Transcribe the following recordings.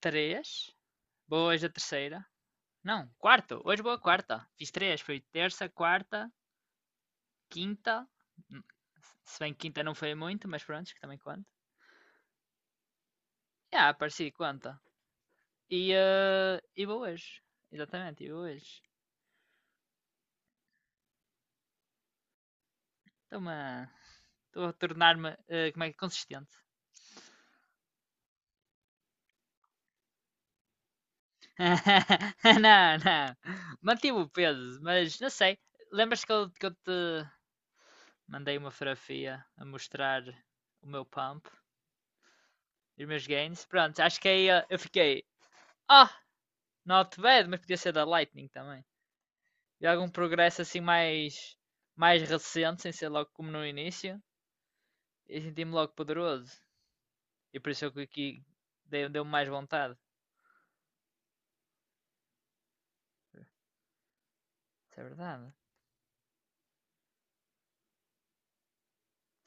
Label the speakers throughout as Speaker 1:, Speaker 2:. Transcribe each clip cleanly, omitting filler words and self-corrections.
Speaker 1: Três. Boa hoje é a terceira. Não, quarto. Hoje boa quarta. Fiz três. Foi terça, quarta, quinta. Hum. Se bem que quinta não foi muito, mas pronto, que também conta. Já, yeah, apareci, conta. E boa hoje. Exatamente, e boa hoje. Estou-me a... Estou a tornar-me, como é que é, consistente. Não, não. Mantive o peso, mas não sei. Lembras-te que eu te mandei uma fotografia a mostrar o meu pump? Os meus gains. Pronto, acho que aí eu fiquei. Ah, oh, not bad, mas podia ser da Lightning também. E algum progresso assim mais recente, sem ser logo como no início. E senti-me logo poderoso. E por isso é que aqui deu-me mais vontade. Isso é verdade.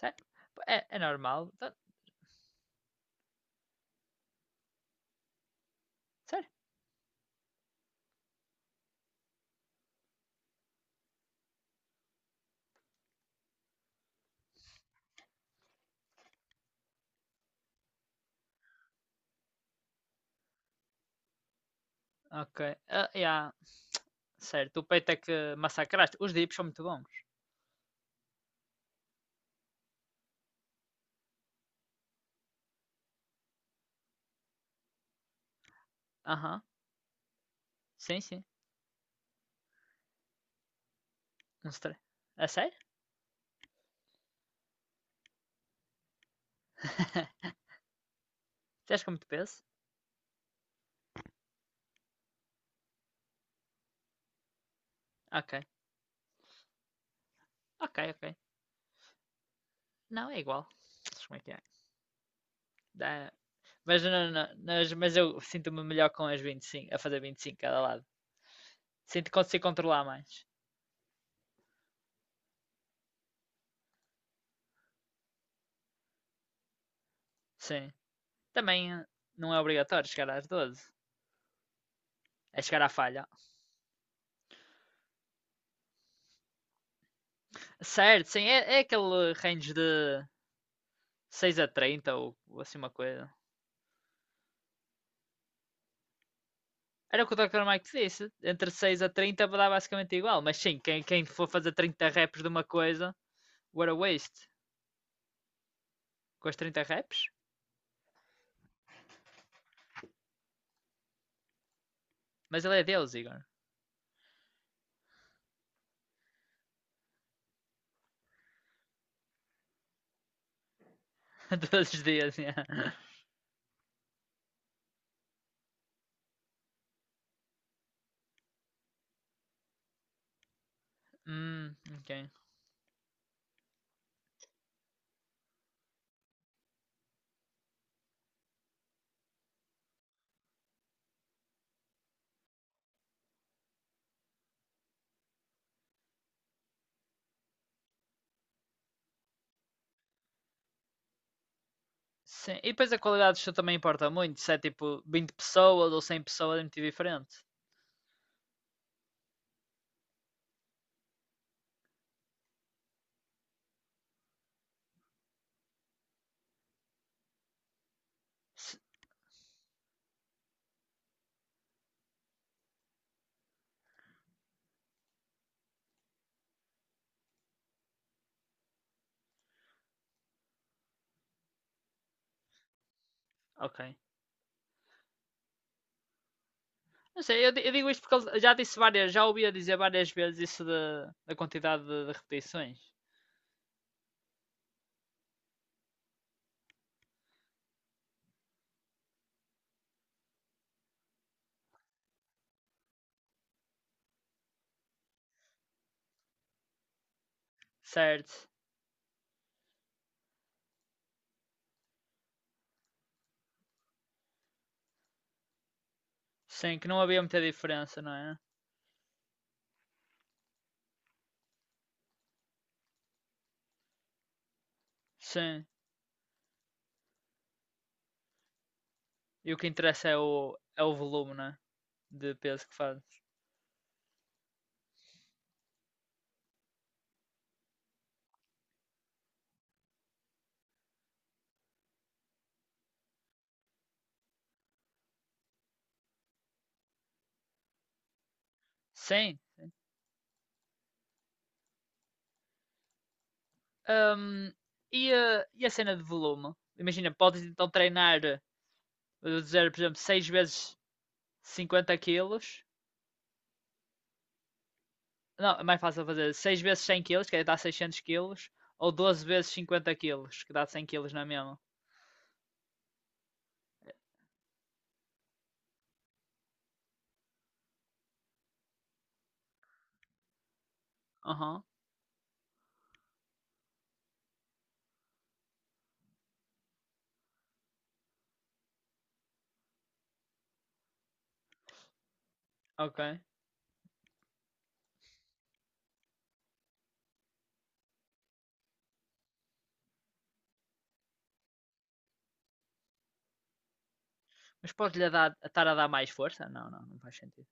Speaker 1: Sério? É normal. Sério? Ok. Ah, yeah. Certo. O peito é que massacraste. Os dips são muito bons. Aham. Uhum. Sim, sim. Um stre... É sério? Tens com muito peso? Ok. Ok, ok. Não, é igual. Como é que é? dá- Mas, não, não, mas eu sinto-me melhor com as 25 a fazer 25 cada lado. Sinto que consigo controlar mais. Sim. Também não é obrigatório chegar às 12. É chegar à falha. Certo, sim, é aquele range de 6 a 30 ou assim uma coisa. Era o que o Dr. Mike disse. Entre 6 a 30 dá basicamente igual. Mas sim, quem for fazer 30 reps de uma coisa, what a waste. Com as 30 reps? Mas ele é Deus, Igor. Todos os dias, yeah. Hum, ok. Sim, e depois a qualidade do show também importa muito, se é tipo 20 pessoas ou 100 pessoas é muito diferente. Se- Ok. Não sei, eu digo isto porque já disse várias, já ouvi a dizer várias vezes isso da quantidade de repetições. Certo. Sim, que não havia muita diferença, não é? Sim. E o que interessa é o volume, não é? De peso que faz. Sim. Ahm, e a cena de volume? Imagina, podes então treinar, vou dizer, por exemplo, 6 vezes 50 quilos. Não, é mais fácil fazer 6 vezes 100 quilos, que dá 600 quilos, ou 12 vezes 50 quilos, que dá 100 quilos, não é mesmo? Aham, ok. Mas pode lhe dar, estar a dar mais força? Não, não, não faz sentido.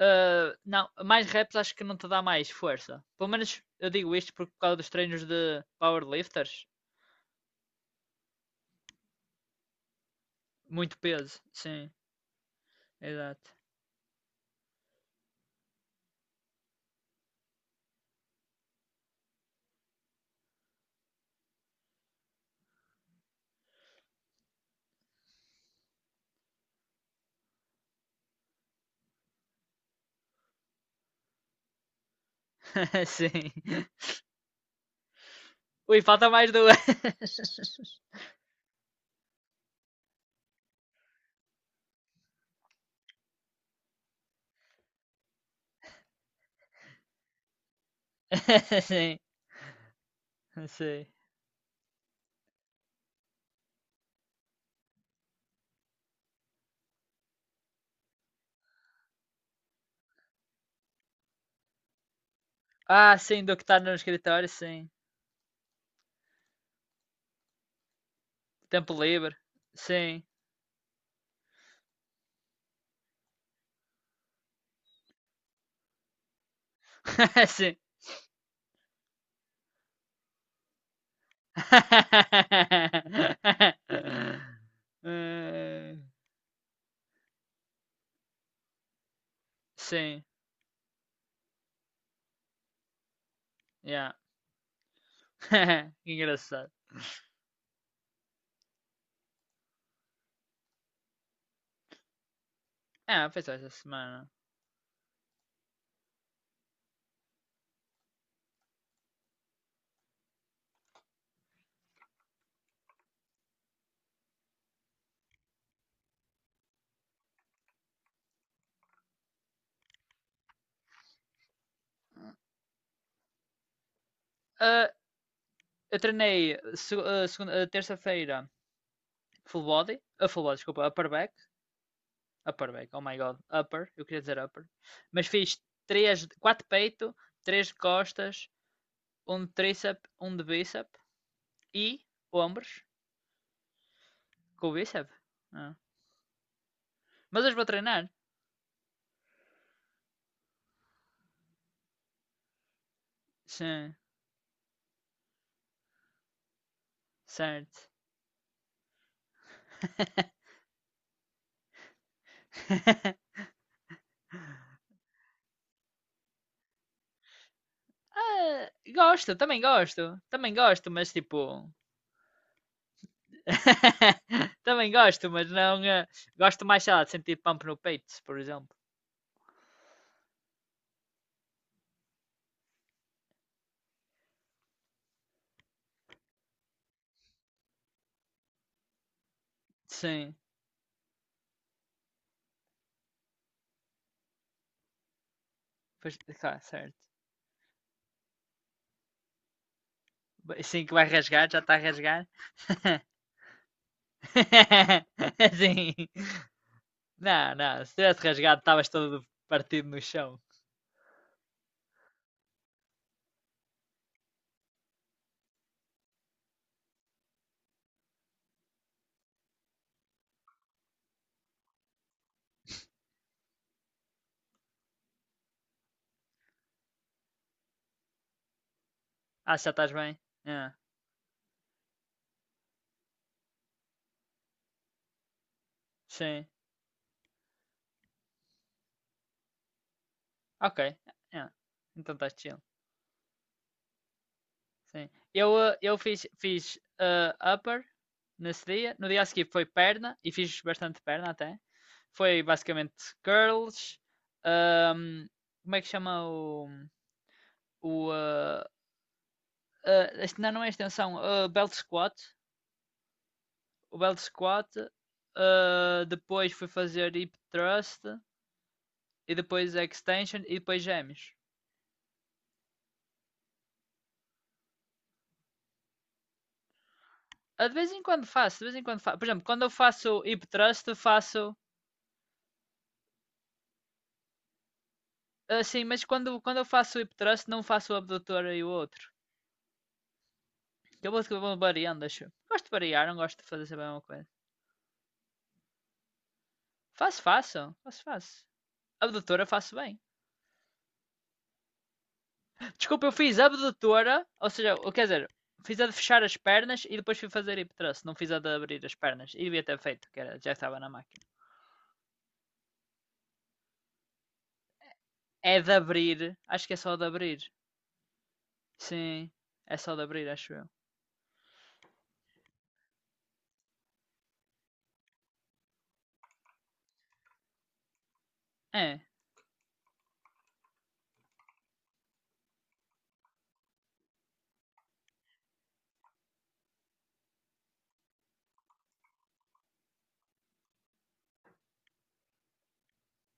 Speaker 1: Ah, não, mais reps acho que não te dá mais força. Pelo menos eu digo isto por causa dos treinos de powerlifters. Muito peso, sim, exato. Sim. Ui, falta mais duas. Sim, sim. Ah, sim, do que está no escritório, sim. Tempo livre, sim. Sim. Eh, Sim, yeah. Que engraçado. Ah, foi só essa semana. Ah, eu treinei segunda, terça-feira full body, a full body, desculpa, upper back, oh my god, upper, eu queria dizer upper, mas fiz três, quatro peito, três de costas, um de tríceps, um de bíceps e ombros com o bíceps. Ah. Mas hoje vou treinar. Sim, certo. Ah, gosto, também gosto. Também gosto, mas tipo. Também gosto, mas não. Gosto mais, sei lá, de sentir pump no peito, por exemplo. Sim, pois, claro, certo. Sim, que vai rasgar, já está a rasgar. Sim. Não, não, se tivesse rasgado, estavas todo partido no chão. Ah, já estás bem? Ah, sim. Ok. Ah, então estás chill. Sim. Eu fiz upper nesse dia. No dia a seguir foi perna e fiz bastante perna até. Foi basicamente curls. ahm, como é que chama o. o eh, não, não é extensão. Belt squat. O belt squat. Depois fui fazer hip thrust. E depois extension. E depois gêmeos. Ah, de vez em quando faço, de vez em quando faço. Por exemplo, quando eu faço hip thrust, faço. Ah, sim, mas quando eu faço o hip thrust, não faço o abdutor e o outro. Eu vou variando, acho. Gosto de variar, não gosto de fazer sempre a mesma coisa. Faço, faço. Faço, faço. Abdutora faço bem. Desculpa, eu fiz abdutora, ou seja, quer dizer, fiz a de fechar as pernas e depois fui fazer hip thrust. Não fiz a de abrir as pernas. E devia ter feito, que era, já estava na máquina. É de abrir. Acho que é só de abrir. Sim. É só de abrir, acho eu. É.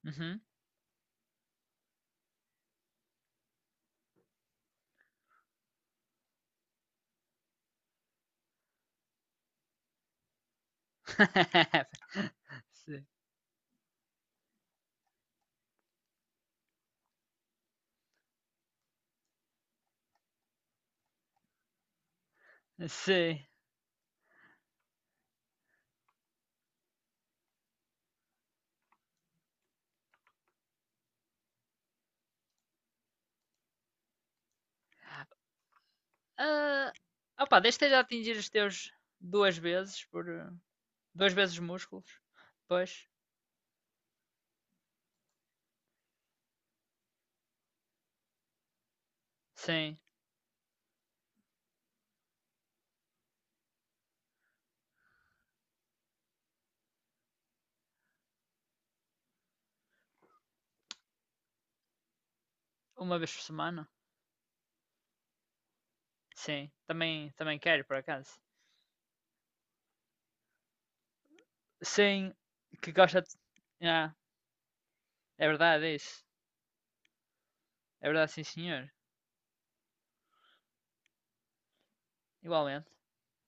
Speaker 1: Uhum. Sim. Sim. Ah, opa, desde que esteja atingir os teus duas vezes por duas vezes músculos. Pois, sim, uma vez por semana. Sim, também quero por acaso. Sim, que gosta de... Ah, é verdade é isso. É verdade, sim, senhor. Igualmente.